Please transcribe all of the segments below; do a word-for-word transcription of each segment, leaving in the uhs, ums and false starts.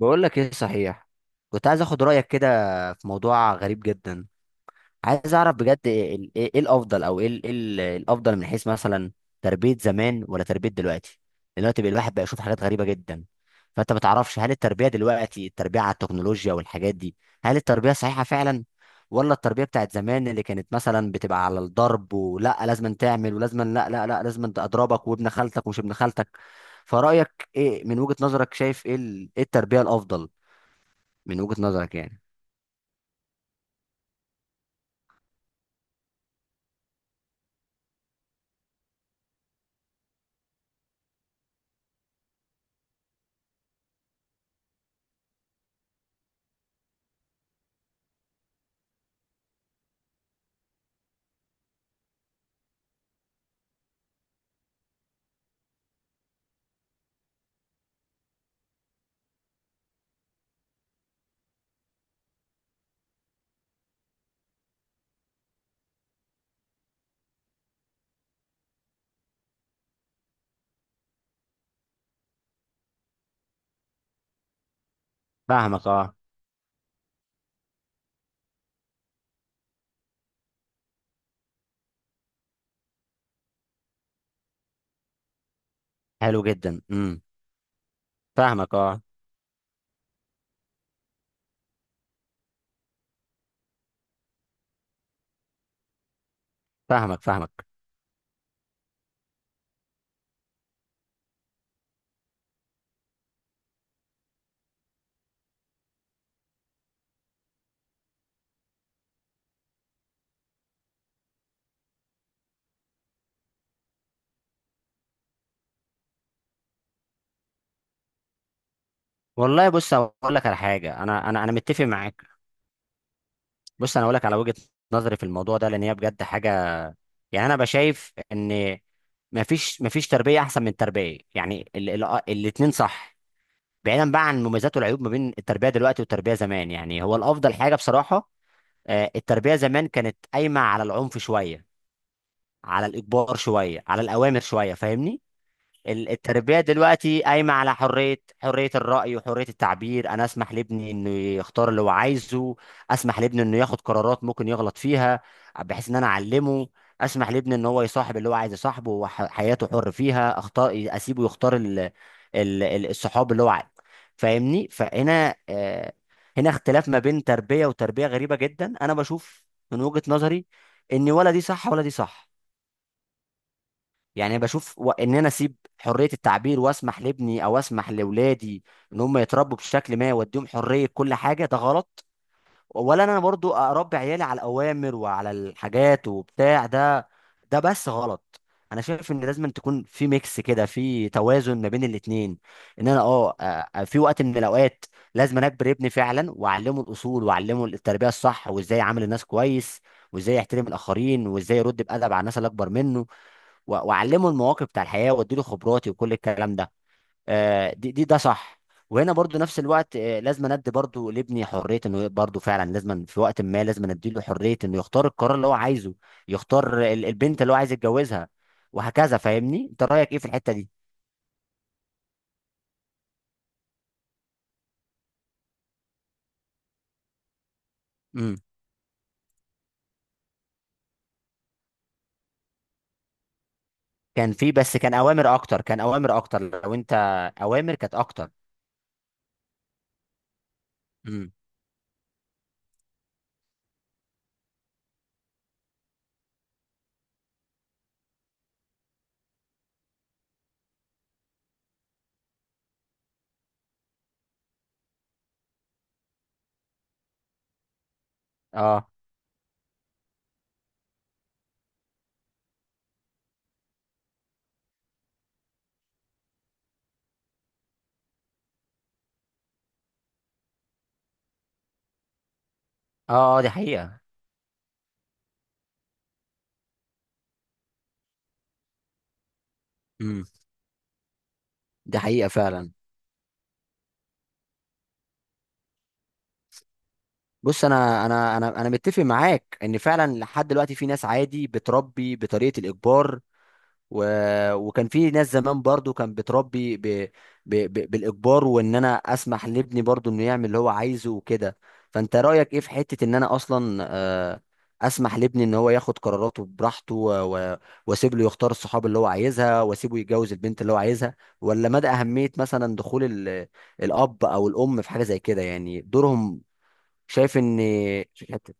بقول لك ايه صحيح. كنت عايز اخد رايك كده في موضوع غريب جدا. عايز اعرف بجد ايه ال- إيه- إيه الافضل او ايه ال- إيه ال- إيه الافضل من حيث مثلا تربيه زمان ولا تربيه دلوقتي؟ لأن دلوقتي بقى الواحد بقى يشوف حاجات غريبه جدا، فانت ما تعرفش هل التربيه دلوقتي التربيه على التكنولوجيا والحاجات دي، هل التربيه صحيحه فعلا، ولا التربيه بتاعت زمان اللي كانت مثلا بتبقى على الضرب ولا لازم تعمل ولازم لا لا لا لازم أنت اضربك وابن خالتك ومش ابن خالتك. فرايك ايه من وجهه نظرك؟ شايف ايه ال- إيه التربيه الافضل من وجهة نظرك يعني؟ فاهمك، اه. حلو جدا. امم فاهمك، اه. فاهمك، فاهمك. والله بص اقول لك على حاجه، انا انا انا متفق معاك. بص انا اقول لك على وجهة نظري في الموضوع ده، لان هي بجد حاجه. يعني انا بشايف ان مفيش مفيش تربيه احسن من التربيه، يعني ال ال آه، الاتنين صح. بعيدا بقى عن المميزات والعيوب ما بين التربيه دلوقتي والتربيه زمان، يعني هو الافضل حاجه بصراحه. آه، التربيه زمان كانت قايمه على العنف شويه، على الاجبار شويه، على الاوامر شويه، فاهمني. ال- التربية دلوقتي قايمة على حرية، حرية الرأي وحرية التعبير. أنا أسمح لابني إنه يختار اللي هو عايزه. أسمح لابني إنه ياخد قرارات ممكن يغلط فيها، بحيث إن أنا أعلمه. أسمح لابني إن هو يصاحب اللي هو عايز يصاحبه، وحياته حر فيها، أختار أسيبه يختار ال... ال... ال- الصحاب اللي هو عايز. فاهمني؟ فهنا آه، هنا اختلاف ما بين تربية وتربية غريبة جدا. أنا بشوف من وجهة نظري إن ولا دي صح ولا دي صح. يعني بشوف و... ان انا اسيب حريه التعبير واسمح لابني او اسمح لاولادي ان هم يتربوا بشكل ما واديهم حريه كل حاجه، ده غلط. ولا انا برضو اربي عيالي على الاوامر وعلى الحاجات وبتاع ده، ده بس غلط. انا شايف ان لازم تكون في ميكس كده، في توازن ما بين الاتنين. ان انا اه آه، في وقت من الاوقات لازم أنا اجبر ابني فعلا واعلمه الاصول واعلمه التربيه الصح وازاي يعامل الناس كويس وازاي يحترم الاخرين وازاي يرد بادب على الناس اللي اكبر منه. و- واعلمه المواقف بتاع الحياه واديله خبراتي وكل الكلام ده، آه، دي دي ده صح. وهنا برضو نفس الوقت آه، لازم ندي برضو لابني حريه انه برضو فعلا لازم في وقت ما لازم نديله حريه انه يختار القرار اللي هو عايزه، يختار ال- البنت اللي هو عايز يتجوزها، وهكذا. فاهمني؟ انت رايك ايه في الحته دي؟ امم. كان في، بس كان اوامر اكتر، كان اوامر اكتر لو انت، اوامر كانت اكتر. امم. اه، اه. آه، دي حقيقه. امم. دي حقيقه فعلا. بص انا انا انا انا متفق معاك ان فعلا لحد دلوقتي في ناس عادي بتربي بطريقه الاجبار و... وكان في ناس زمان برضو كان بتربي ب... ب... ب... بالاجبار، وان انا اسمح لابني برضو انه يعمل اللي هو عايزه وكده. فانت رايك ايه في حته ان انا اصلا آه، اسمح لابني ان هو ياخد قراراته براحته و... و... واسيب له يختار الصحاب اللي هو عايزها واسيبه يتجوز البنت اللي هو عايزها؟ ولا مدى اهميه مثلا دخول ال... الاب او الام في حاجه زي كده، يعني دورهم؟ شايف ان حته.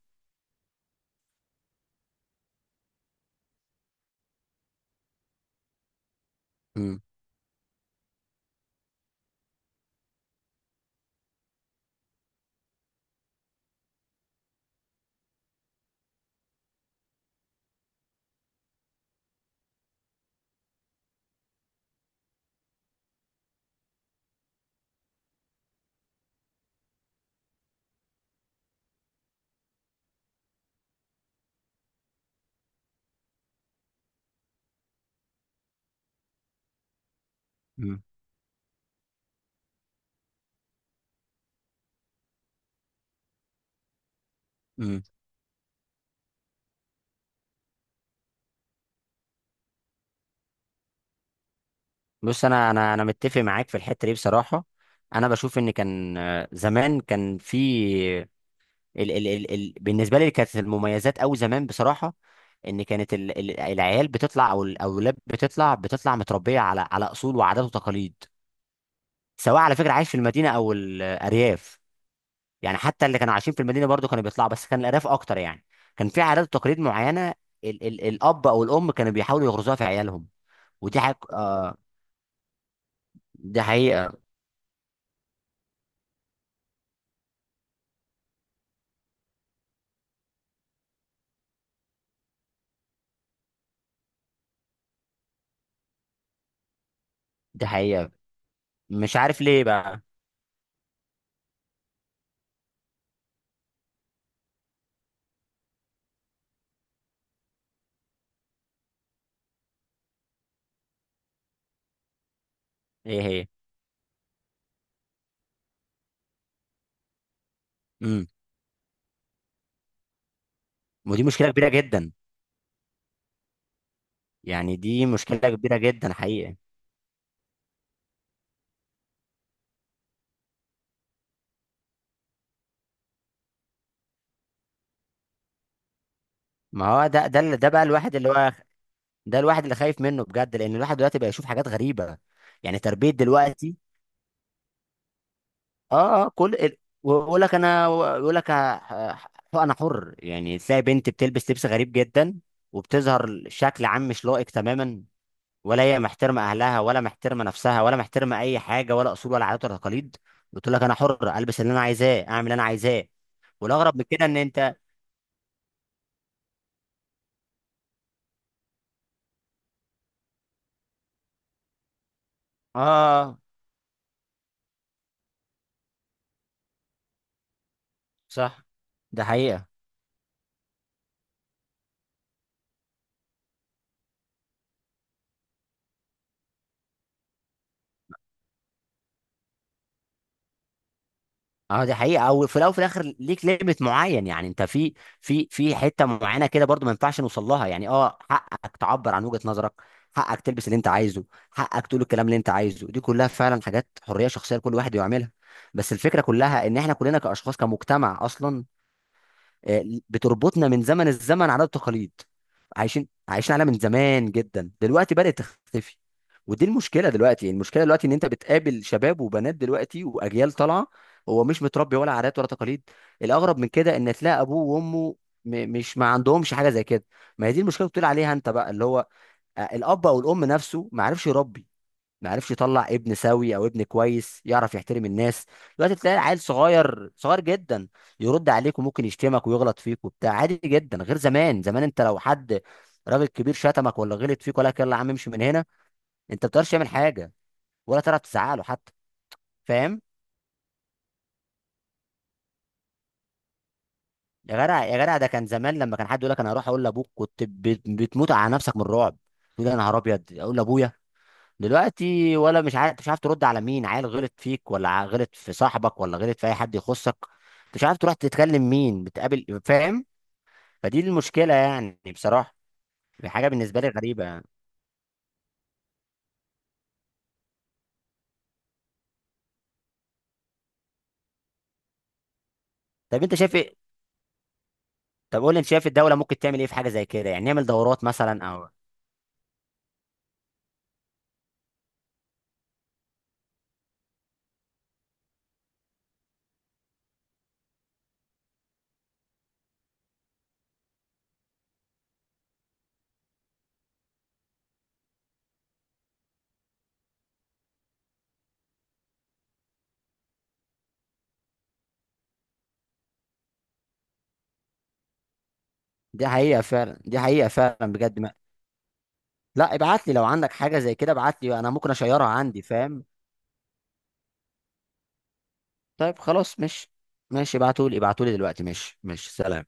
مم. مم. مم. بص انا انا انا متفق معاك في الحته دي بصراحه. انا بشوف ان كان آه، زمان كان في ال ال ال ال بالنسبه لي كانت المميزات او زمان بصراحه ان كانت ال ال العيال بتطلع او الاولاد بتطلع بتطلع متربيه على على اصول وعادات وتقاليد، سواء على فكره عايش في المدينه او الارياف. يعني حتى اللي كانوا عايشين في المدينه برضو كانوا بيطلعوا، بس كان الارياف اكتر يعني. كان في عادات وتقاليد معينه ال ال الاب او الام كانوا بيحاولوا يغرزوها في عيالهم. ودي حق، آه. دي حقيقه. دي حقيقه. مش عارف ليه بقى. ايه هي. امم. ودي مشكله كبيره جدا. يعني دي مشكله كبيره جدا حقيقه. ما هو ده، ده اللي- ده بقى الواحد اللي هو، ده الواحد اللي خايف منه بجد، لان الواحد دلوقتي بقى يشوف حاجات غريبه. يعني تربيه دلوقتي، اه، اه، كل ال- ويقول لك انا، ويقول لك ه- ه- انا حر. يعني تلاقي بنت بتلبس لبس غريب جدا وبتظهر شكل عام مش لائق تماما، ولا هي محترمه اهلها ولا محترمه نفسها ولا محترمه اي حاجه، ولا اصول ولا عادات ولا تقاليد. بتقول لك انا حر، البس اللي انا عايزاه، اعمل اللي انا عايزاه. والاغرب من كده ان انت، اه، صح. ده حقيقه. اه دي حقيقة. او في الاول وفي الاخر ليك ليميت معين، يعني انت في، في في حتة معينة كده برضو ما ينفعش نوصل لها، يعني اه حقك تعبر عن وجهة نظرك، حقك تلبس اللي انت عايزه، حقك تقول الكلام اللي انت عايزه، دي كلها فعلا حاجات حرية شخصية لكل واحد يعملها. بس الفكرة كلها ان احنا كلنا كاشخاص كمجتمع اصلا آه، بتربطنا من زمن الزمن عادات وتقاليد، عايشين عايشين عليها من زمان جدا، دلوقتي بدأت تختفي. ودي المشكله دلوقتي، المشكله دلوقتي ان انت بتقابل شباب وبنات دلوقتي واجيال طالعه هو مش متربي ولا عادات ولا تقاليد. الاغرب من كده ان تلاقي ابوه وامه م- مش ما عندهمش حاجه زي كده. ما هي دي المشكله اللي بتقول عليها انت بقى، اللي هو آه، الاب او الام نفسه ما عرفش يربي، ما عرفش يطلع ابن سوي او ابن كويس يعرف يحترم الناس. دلوقتي تلاقي عيل صغير، صغير جدا، يرد عليك وممكن يشتمك ويغلط فيك وبتاع، عادي جدا. غير زمان، زمان انت لو حد راجل كبير شتمك ولا غلط فيك ولا لك يلا يا عم امشي من هنا، انت ما بتقدرش تعمل حاجه، ولا تعرف تزعله حتى. فاهم؟ يا جدع، يا جدع، ده كان زمان لما كان حد يقول لك انا هروح اقول لابوك كنت بت- بتموت على نفسك من الرعب. تقول يا نهار ابيض اقول لابويا. دلوقتي ولا مش عارف، مش عارف ترد على مين، عيل غلط فيك ولا ع- غلط في صاحبك ولا غلط في اي حد يخصك. أنت مش عارف تروح تتكلم مين بتقابل. فاهم؟ فدي المشكله يعني بصراحه. دي حاجه بالنسبه لي غريبه يعني. طب انت شايف ايه؟ طب قول لي، انت شايف الدوله ممكن تعمل ايه في حاجه زي كده؟ يعني نعمل دورات مثلا او؟ دي حقيقه فعلا، دي حقيقه فعلا بجد ما... لا ابعت لي، لو عندك حاجه زي كده ابعت لي، انا ممكن اشيرها عندي. فاهم؟ طيب خلاص، مش ماشي، ابعتولي، ابعتولي دلوقتي. ماشي، ماشي. سلام.